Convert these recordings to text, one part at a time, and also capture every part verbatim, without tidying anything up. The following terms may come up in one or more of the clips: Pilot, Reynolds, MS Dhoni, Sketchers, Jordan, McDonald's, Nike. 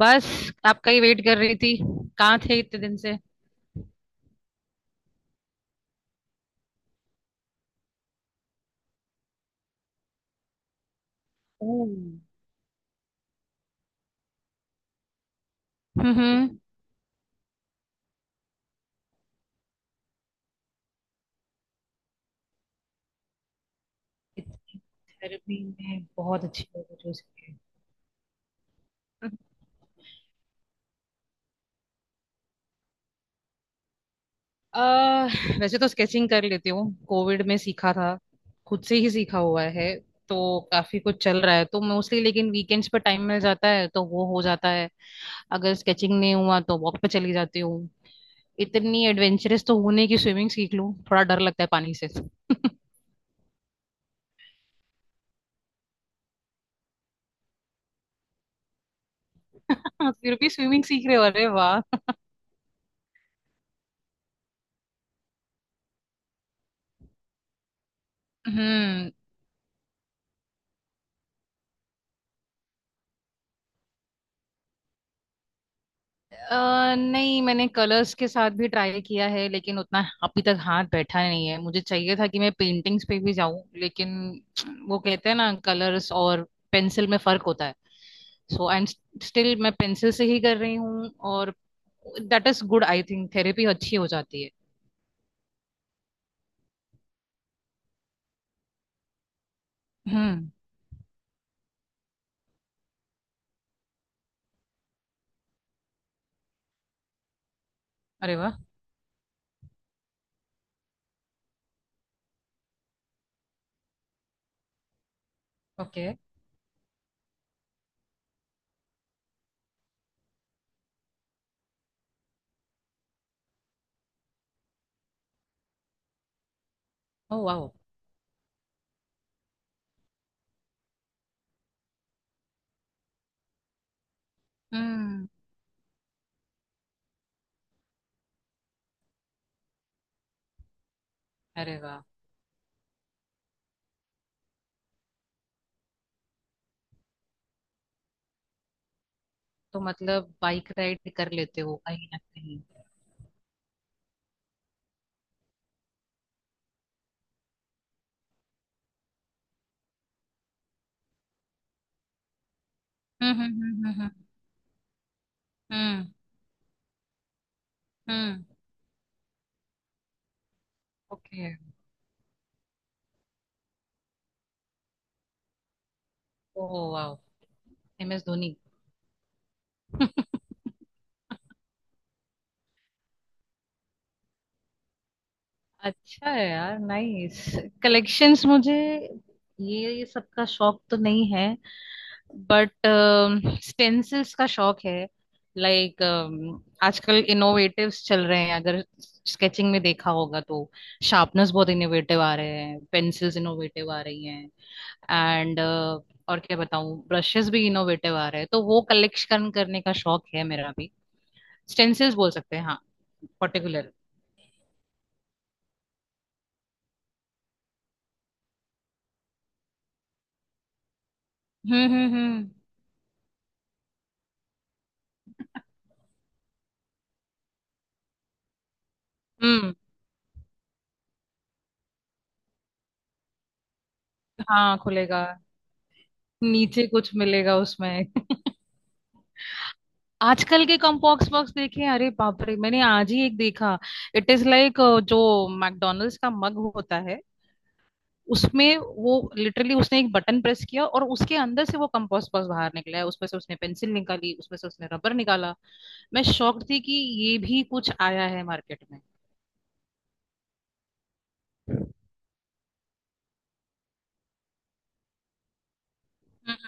बस आपका ही वेट कर रही थी। कहाँ थे इतने दिन से। ओह। हम्म हम्म। इतनी थेरेपी में बहुत अच्छी बात है जो सीखी है। अह, वैसे तो स्केचिंग कर लेती हूँ, कोविड में सीखा था। खुद से ही सीखा हुआ है। तो काफी कुछ चल रहा है तो मोस्टली, लेकिन वीकेंड्स पर टाइम मिल जाता है तो वो हो जाता है। अगर स्केचिंग नहीं हुआ तो वॉक पे चली जाती हूँ। इतनी एडवेंचरस तो होने की स्विमिंग सीख लूँ, थोड़ा डर लगता है पानी से। फिर भी स्विमिंग सीख रहे हो, अरे वाह। हम्म। अ, नहीं मैंने कलर्स के साथ भी ट्राई किया है, लेकिन उतना अभी तक हाथ बैठा नहीं है। मुझे चाहिए था कि मैं पेंटिंग्स पे भी जाऊं, लेकिन वो कहते हैं ना कलर्स और पेंसिल में फर्क होता है। सो आई एम स्टिल मैं पेंसिल से ही कर रही हूँ। और that is good, I think therapy अच्छी हो जाती है। हम्म। अरे वाह। ओके। ओ वाह। हम्म। अरे वाह। तो मतलब बाइक राइड कर लेते हो कहीं ना कहीं। हम्म हम्म हम्म। हम्म हम्म। ओके। ओ वाह। M S Dhoni. अच्छा है यार, नाइस कलेक्शंस। मुझे ये ये सबका शौक तो नहीं है, बट स्टेंसिल्स का शौक है। लाइक आजकल इनोवेटिव्स चल रहे हैं। अगर स्केचिंग में देखा होगा तो शार्पनर्स बहुत इनोवेटिव आ रहे हैं, पेंसिल्स इनोवेटिव आ रही हैं, एंड और क्या बताऊं, ब्रशेस भी इनोवेटिव आ रहे हैं, तो वो कलेक्शन करने का शौक है मेरा भी। स्टेंसिल्स बोल सकते हैं हाँ, पर्टिकुलर। हम्म हम्म हम्म। हम्म। हाँ खुलेगा, नीचे कुछ मिलेगा उसमें। आजकल के कॉम्बॉक्स बॉक्स देखे, अरे बाप रे, मैंने आज ही एक देखा। इट इज लाइक, जो मैकडोनल्ड्स का मग होता है, उसमें वो लिटरली उसने एक बटन प्रेस किया और उसके अंदर से वो कंपोस्ट बॉक्स बाहर निकला है। उसमें से उसने पेंसिल निकाली, उसमें से उसने रबर निकाला। मैं शॉक्ड थी कि ये भी कुछ आया है मार्केट में। हम्म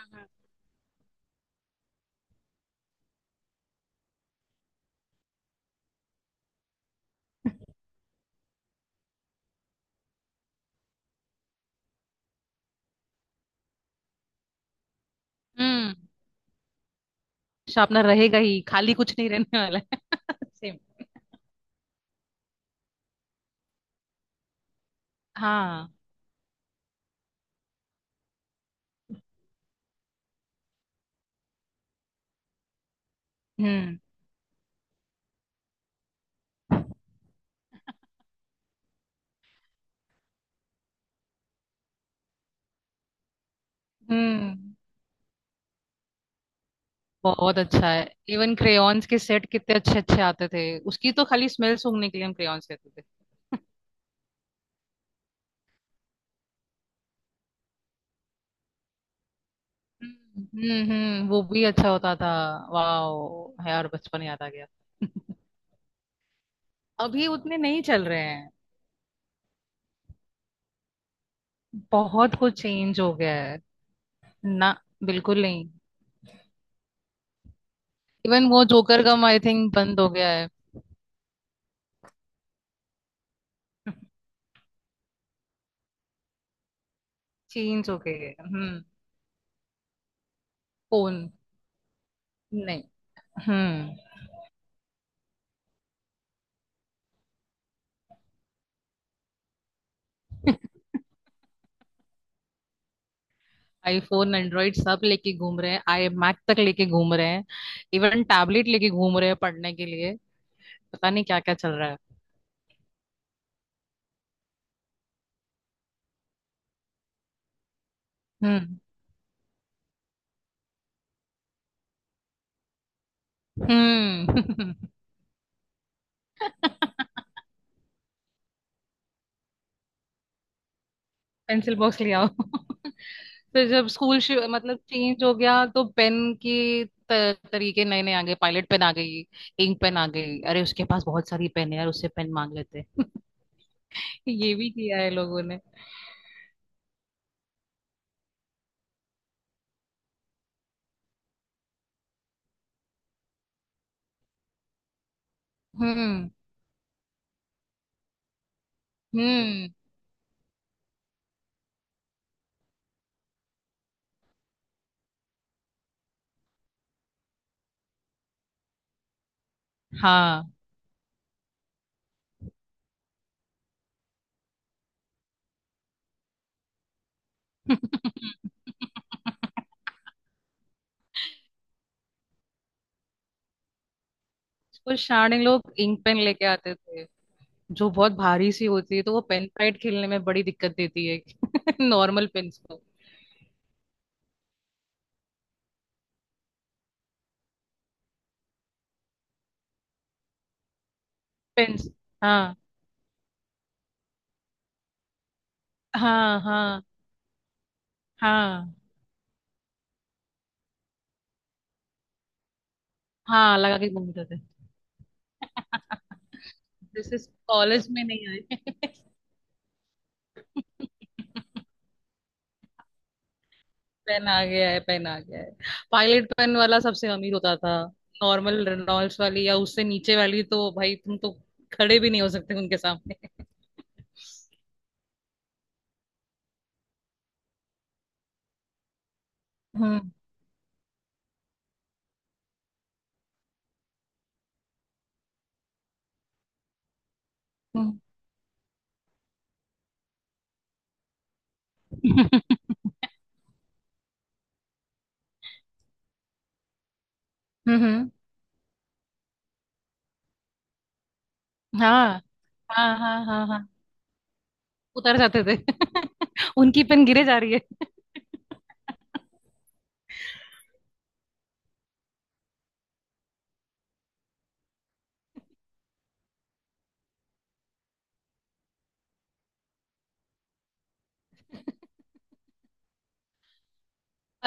हम्म हम्म, हम्म। शार्पनर रहेगा ही, खाली कुछ नहीं रहने वाला है। सेम। हाँ। हम्म हम्म। बहुत अच्छा है। इवन क्रेयॉन्स के सेट कितने अच्छे अच्छे आते थे। उसकी तो खाली स्मेल सूंघने के लिए हम क्रेयॉन्स लेते थे। हम्म हम्म, वो भी अच्छा होता था। वाह यार, बचपन याद आ गया। अभी उतने नहीं चल रहे हैं। बहुत कुछ चेंज हो गया है ना, बिल्कुल नहीं। इवन वो जोकर गम आई थिंक बंद हो गया है। चेंज हो गई है। हम्म। कौन। नहीं। हम्म। आईफोन, एंड्रॉइड सब लेके घूम रहे हैं, आई मैक तक लेके घूम रहे हैं। इवन टैबलेट लेके घूम रहे हैं पढ़ने के लिए। पता नहीं क्या क्या चल रहा है। हम्म हम्म। पेंसिल बॉक्स ले आओ। फिर जब स्कूल शि- मतलब चेंज हो गया तो पेन की त- तरीके नए नए आ गए। पायलट पेन आ गई, इंक पेन आ गई, अरे उसके पास बहुत सारी पेन है यार, उससे पेन मांग लेते हैं। ये भी किया है लोगों ने। हम्म हम्म। हाँ। स्कूल स्टार्टिंग लोग इंक पेन लेके आते थे, जो बहुत भारी सी होती है, तो वो पेन फाइट खेलने में बड़ी दिक्कत देती है। नॉर्मल पेन्स को। पेन्स। हाँ हाँ हाँ हाँ। हाँ लगा के घूमते थे। दिस इज, कॉलेज में नहीं आए। पेन आ गया है, पेन आ गया है। पायलट पेन वाला सबसे अमीर होता था। नॉर्मल रेनॉल्ड्स वाली या उससे नीचे वाली तो भाई तुम तो खड़े भी नहीं हो सकते उनके सामने। हम्म हम्म। हम्म, हम्म। हाँ हाँ हाँ हाँ। हाँ उतर जाते थे। उनकी पेन गिरे जा रही है।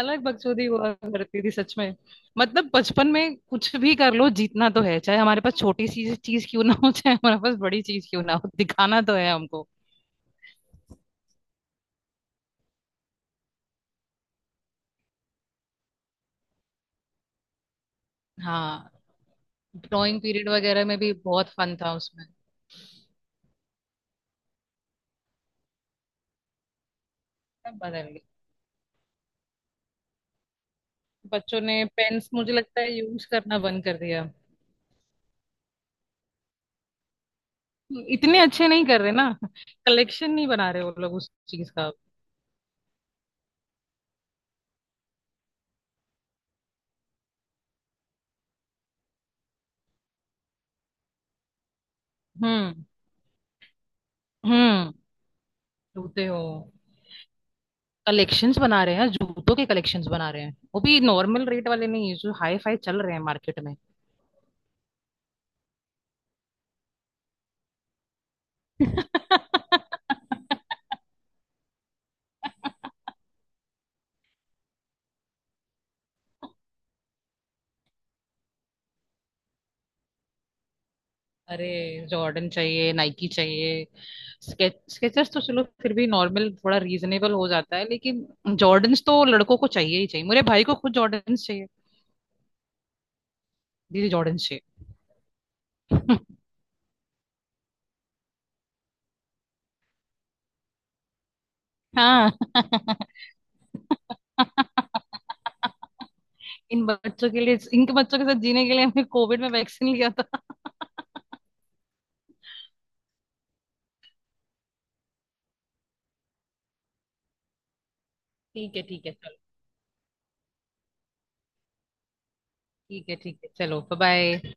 अलग बकचोदी हुआ करती थी सच में। मतलब बचपन में कुछ भी कर लो, जीतना तो है, चाहे हमारे पास छोटी सी चीज क्यों ना हो, चाहे हमारे पास बड़ी चीज क्यों ना हो, दिखाना तो है हमको। हाँ, ड्राइंग पीरियड वगैरह में भी बहुत फन था उसमें। सब बदल गया। बच्चों ने पेन्स मुझे लगता है यूज करना बंद कर दिया। इतने अच्छे नहीं कर रहे ना, कलेक्शन नहीं बना रहे वो लोग उस चीज का। हम्म हम्म। रोते हो, कलेक्शंस बना रहे हैं, जूतों के कलेक्शंस बना रहे हैं, वो भी नॉर्मल रेट वाले नहीं, जो हाई फाई चल रहे हैं मार्केट में। अरे जॉर्डन चाहिए, नाइकी चाहिए, स्केच स्केचर्स तो चलो फिर भी नॉर्मल थोड़ा रीजनेबल हो जाता है, लेकिन जॉर्डन्स तो लड़कों को चाहिए ही चाहिए। मेरे भाई को खुद जॉर्डन्स चाहिए, दीदी जॉर्डन्स चाहिए। हाँ इन बच्चों के लिए, इनके बच्चों के साथ जीने के लिए हमने कोविड में वैक्सीन लिया था। ठीक है ठीक है चलो। ठीक है ठीक है चलो, बाय बाय।